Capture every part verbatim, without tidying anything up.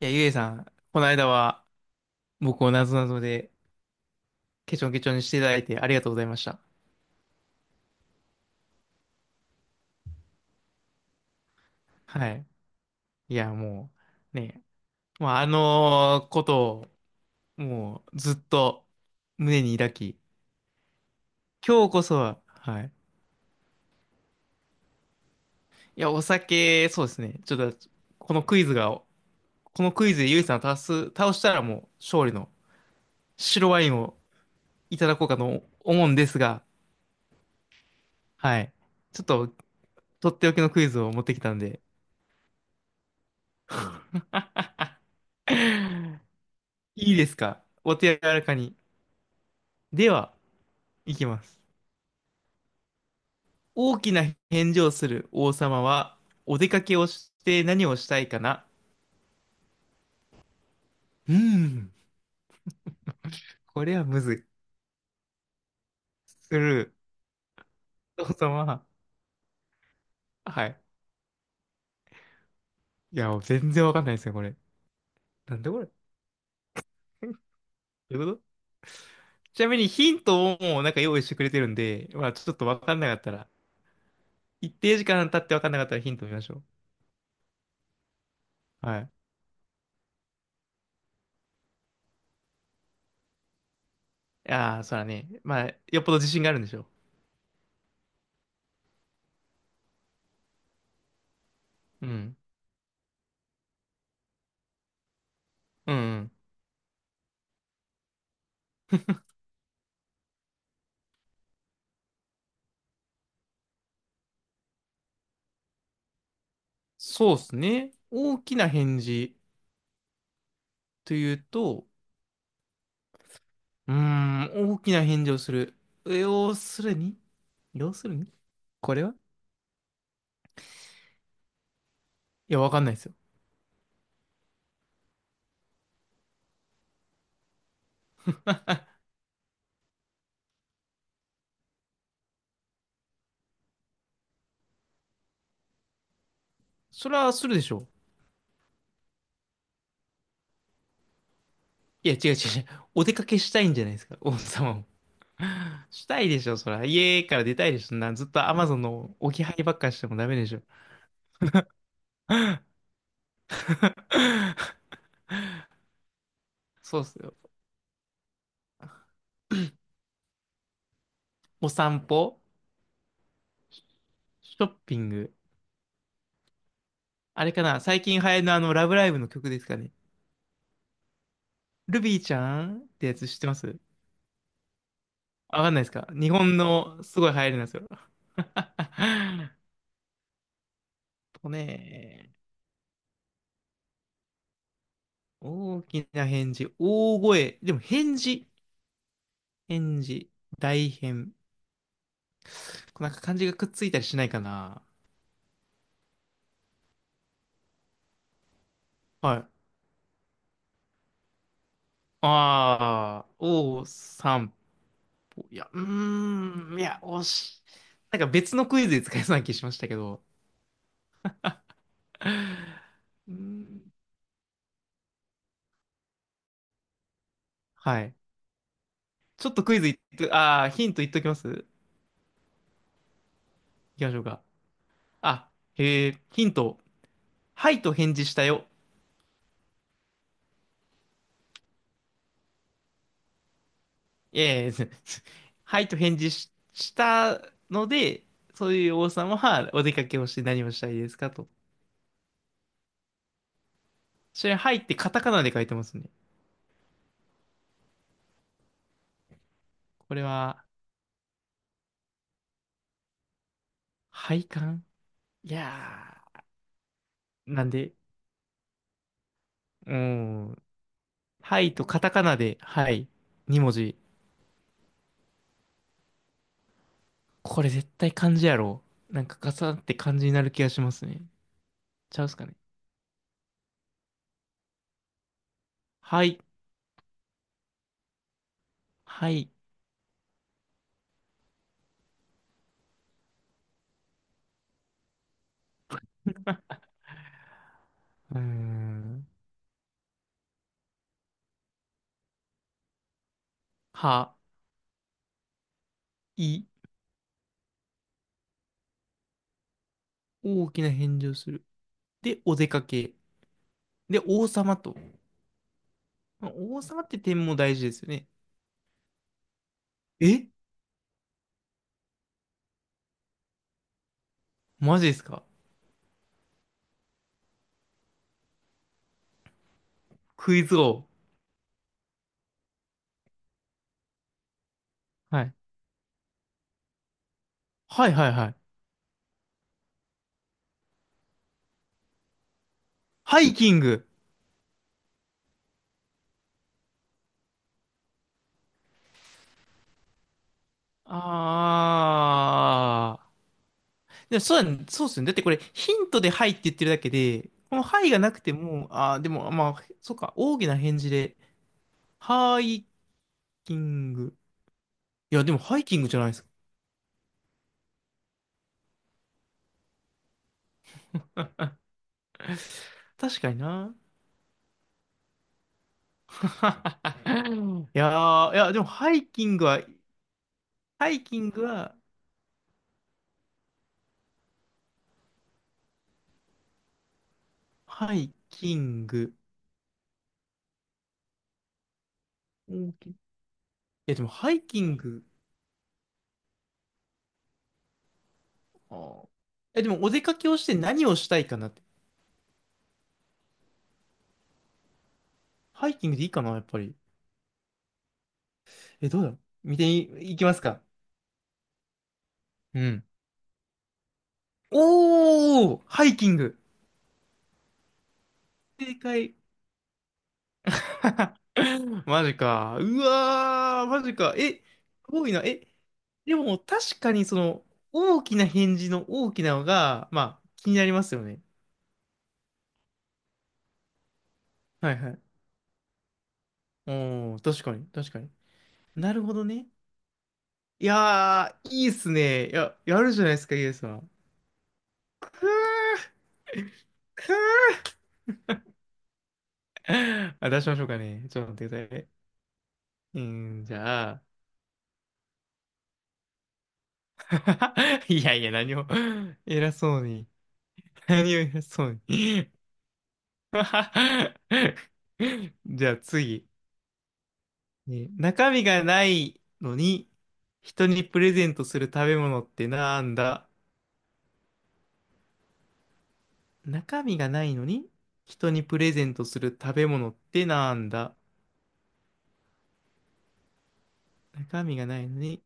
いや、ゆえさん、この間は僕をなぞなぞでケチョンケチョンにしていただいてありがとうございました。はい。いや、もう、ね、まあ、あのことを、もう、ずっと胸に抱き、今日こそは、はい。いや、お酒、そうですね。ちょっと、このクイズが、このクイズでゆえさんを倒す、倒したらもう、勝利の白ワインをいただこうかと思うんですが、はい。ちょっと、とっておきのクイズを持ってきたんで、いいですか？お手柔らかに。では、いきます。大きな返事をする王様は、お出かけをして何をしたいかな？うーん、これはむずい。する。王様は、はい。いや、全然わかんないですね、これ。なんでこれどういうこと？ちなみにヒントをもうなんか用意してくれてるんで、まあちょっとわかんなかったら、一定時間経ってわかんなかったらヒント見ましょう。はい。いやー、そらね。まあ、よっぽど自信があるんでしょう。うん。うんうん。そうっすね。大きな返事というと、うーん、大きな返事をする。要するに要するにこれは、いや、わかんないですよ。それはするでしょう。いや、違う違う違う。お出かけしたいんじゃないですか、王子様も。したいでしょ、そら。家から出たいでしょ。な、ずっと Amazon の置き配ばっかしてもダメでしょ。そうっすよ。お散歩、シショッピング。あれかな、最近流行りのあの、ラブライブの曲ですかね。ルビーちゃんってやつ知ってます？わかんないですか？日本のすごい流行りなんですよ。とね、大きな返事、大声、でも返事、返事、大変。なんか漢字がくっついたりしないかな。はい。ああ、お散歩。いや、うーん、いや、惜しい。なんか別のクイズで使えそうな気しましたけど。うーん。はい。ちょっとクイズいっと、ああ、ヒント言っときます。いきましょうか。あ、へえ、ヒント。はいと返事したよ。ええ はいと返事し、したので、そういう王様はお出かけをして何をしたいですかと。それ、はいってカタカナで書いてますね。これは、配管、いやー、なんで、うーん。はいとカタカナで、はい。に文字。これ絶対漢字やろ。なんかガサって漢字になる気がしますね。ちゃうっすかね。はい、はい、うーん。は、い、大きな返事をする。で、お出かけ。で、王様と。王様って点も大事ですよね。え、マジですか？クイズ王。はい。はいはいはい。ハイキング。あー。でもそうだね、そうっすね。だってこれヒントではいって言ってるだけで、このはいがなくても、あー、でもまあ、そうか、大きな返事で、ハイキング。いや、でもハイキングじゃないですか。確かにな。いやー、いや、でもハイキングは、ハイキングは、ハイキング。や、でもハイキング、あー、え、でもお出かけをして何をしたいかなって。ハイキングでいいかな、やっぱり。え、どうだろう？見てい、いきますか。うん。おー、ハイキング。正解。マジか。うわー、マジか。え、すごいな。え、でも確かにその、大きな返事の大きなのが、まあ、気になりますよね。はいはい。おー、確かに、確かに。なるほどね。いやー、いいっすね。いや、やるじゃないですか、イエスさん。あ、出しましょうかね。ちょっと待ってくださいね。えーじゃあ、いやいや、何を、偉そうに。何を偉そうに。じゃあ次、ね、中身がないのに、人にプレゼントする食べ物ってなんだ？中身がないのに、人にプレゼントする食べ物ってなんだ？中身がないのに、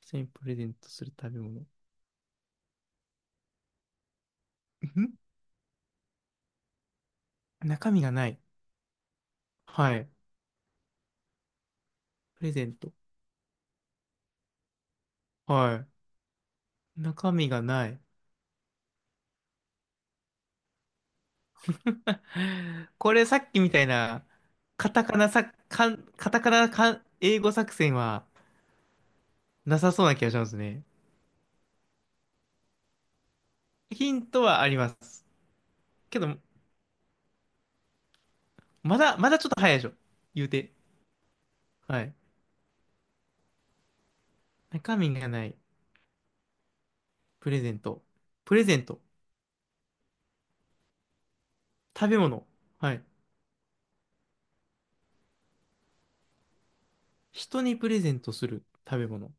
人にプレゼントする食べ物。ん、中身がない。はい。プレゼント。はい。中身がない。これさっきみたいな、カタカナさ、かん、カタカナかん、英語作戦はなさそうな気がしますね。ヒントはあります。けど、まだ、まだちょっと早いでしょ。言うて。はい。中身がない。プレゼント。プレゼント。食べ物。はい。人にプレゼントする食べ物。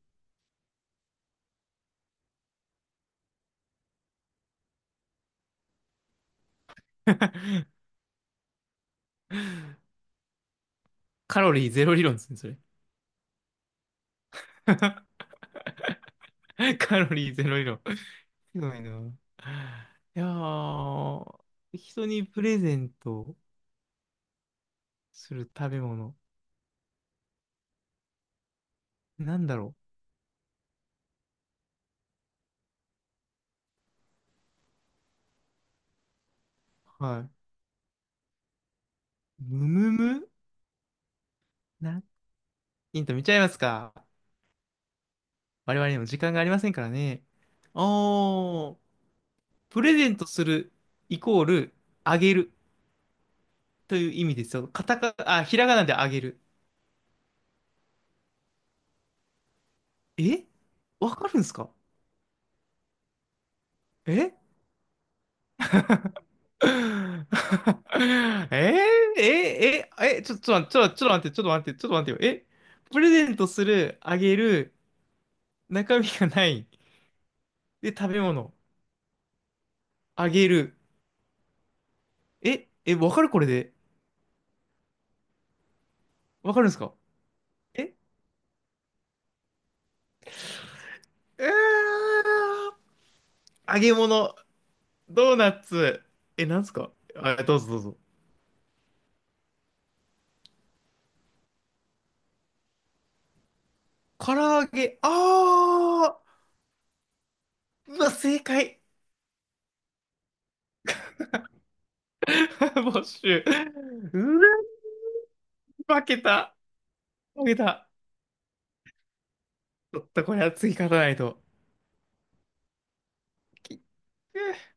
カロリーゼロ理論ですね、それ。カロリーゼロ理論。ひどいな。いやー、人にプレゼントする食べ物。なんだろう。はい。むむむな、ヒント見ちゃいますか。我々にも時間がありませんからね。おー、プレゼントするイコール、あげるという意味ですよ。カタカ、あ、ひらがなであげる。え、わかるんですか？え えー、えー、えー、え、ちょ、ちょ、ちょ、ちょっと待って、ちょっと待って、ちょっと待ってよ。え、プレゼントする、あげる、中身がない。で、食べ物、あげる。え、え、わかるこれで。わかるんですか？え、うー揚げ物、ドーナツ。え、なんすか？あ、どうぞどうぞ。唐揚げ、あー、うわ、正解。没収。うわ、負けた。負けた。ちょっとこれは次勝たないと。で、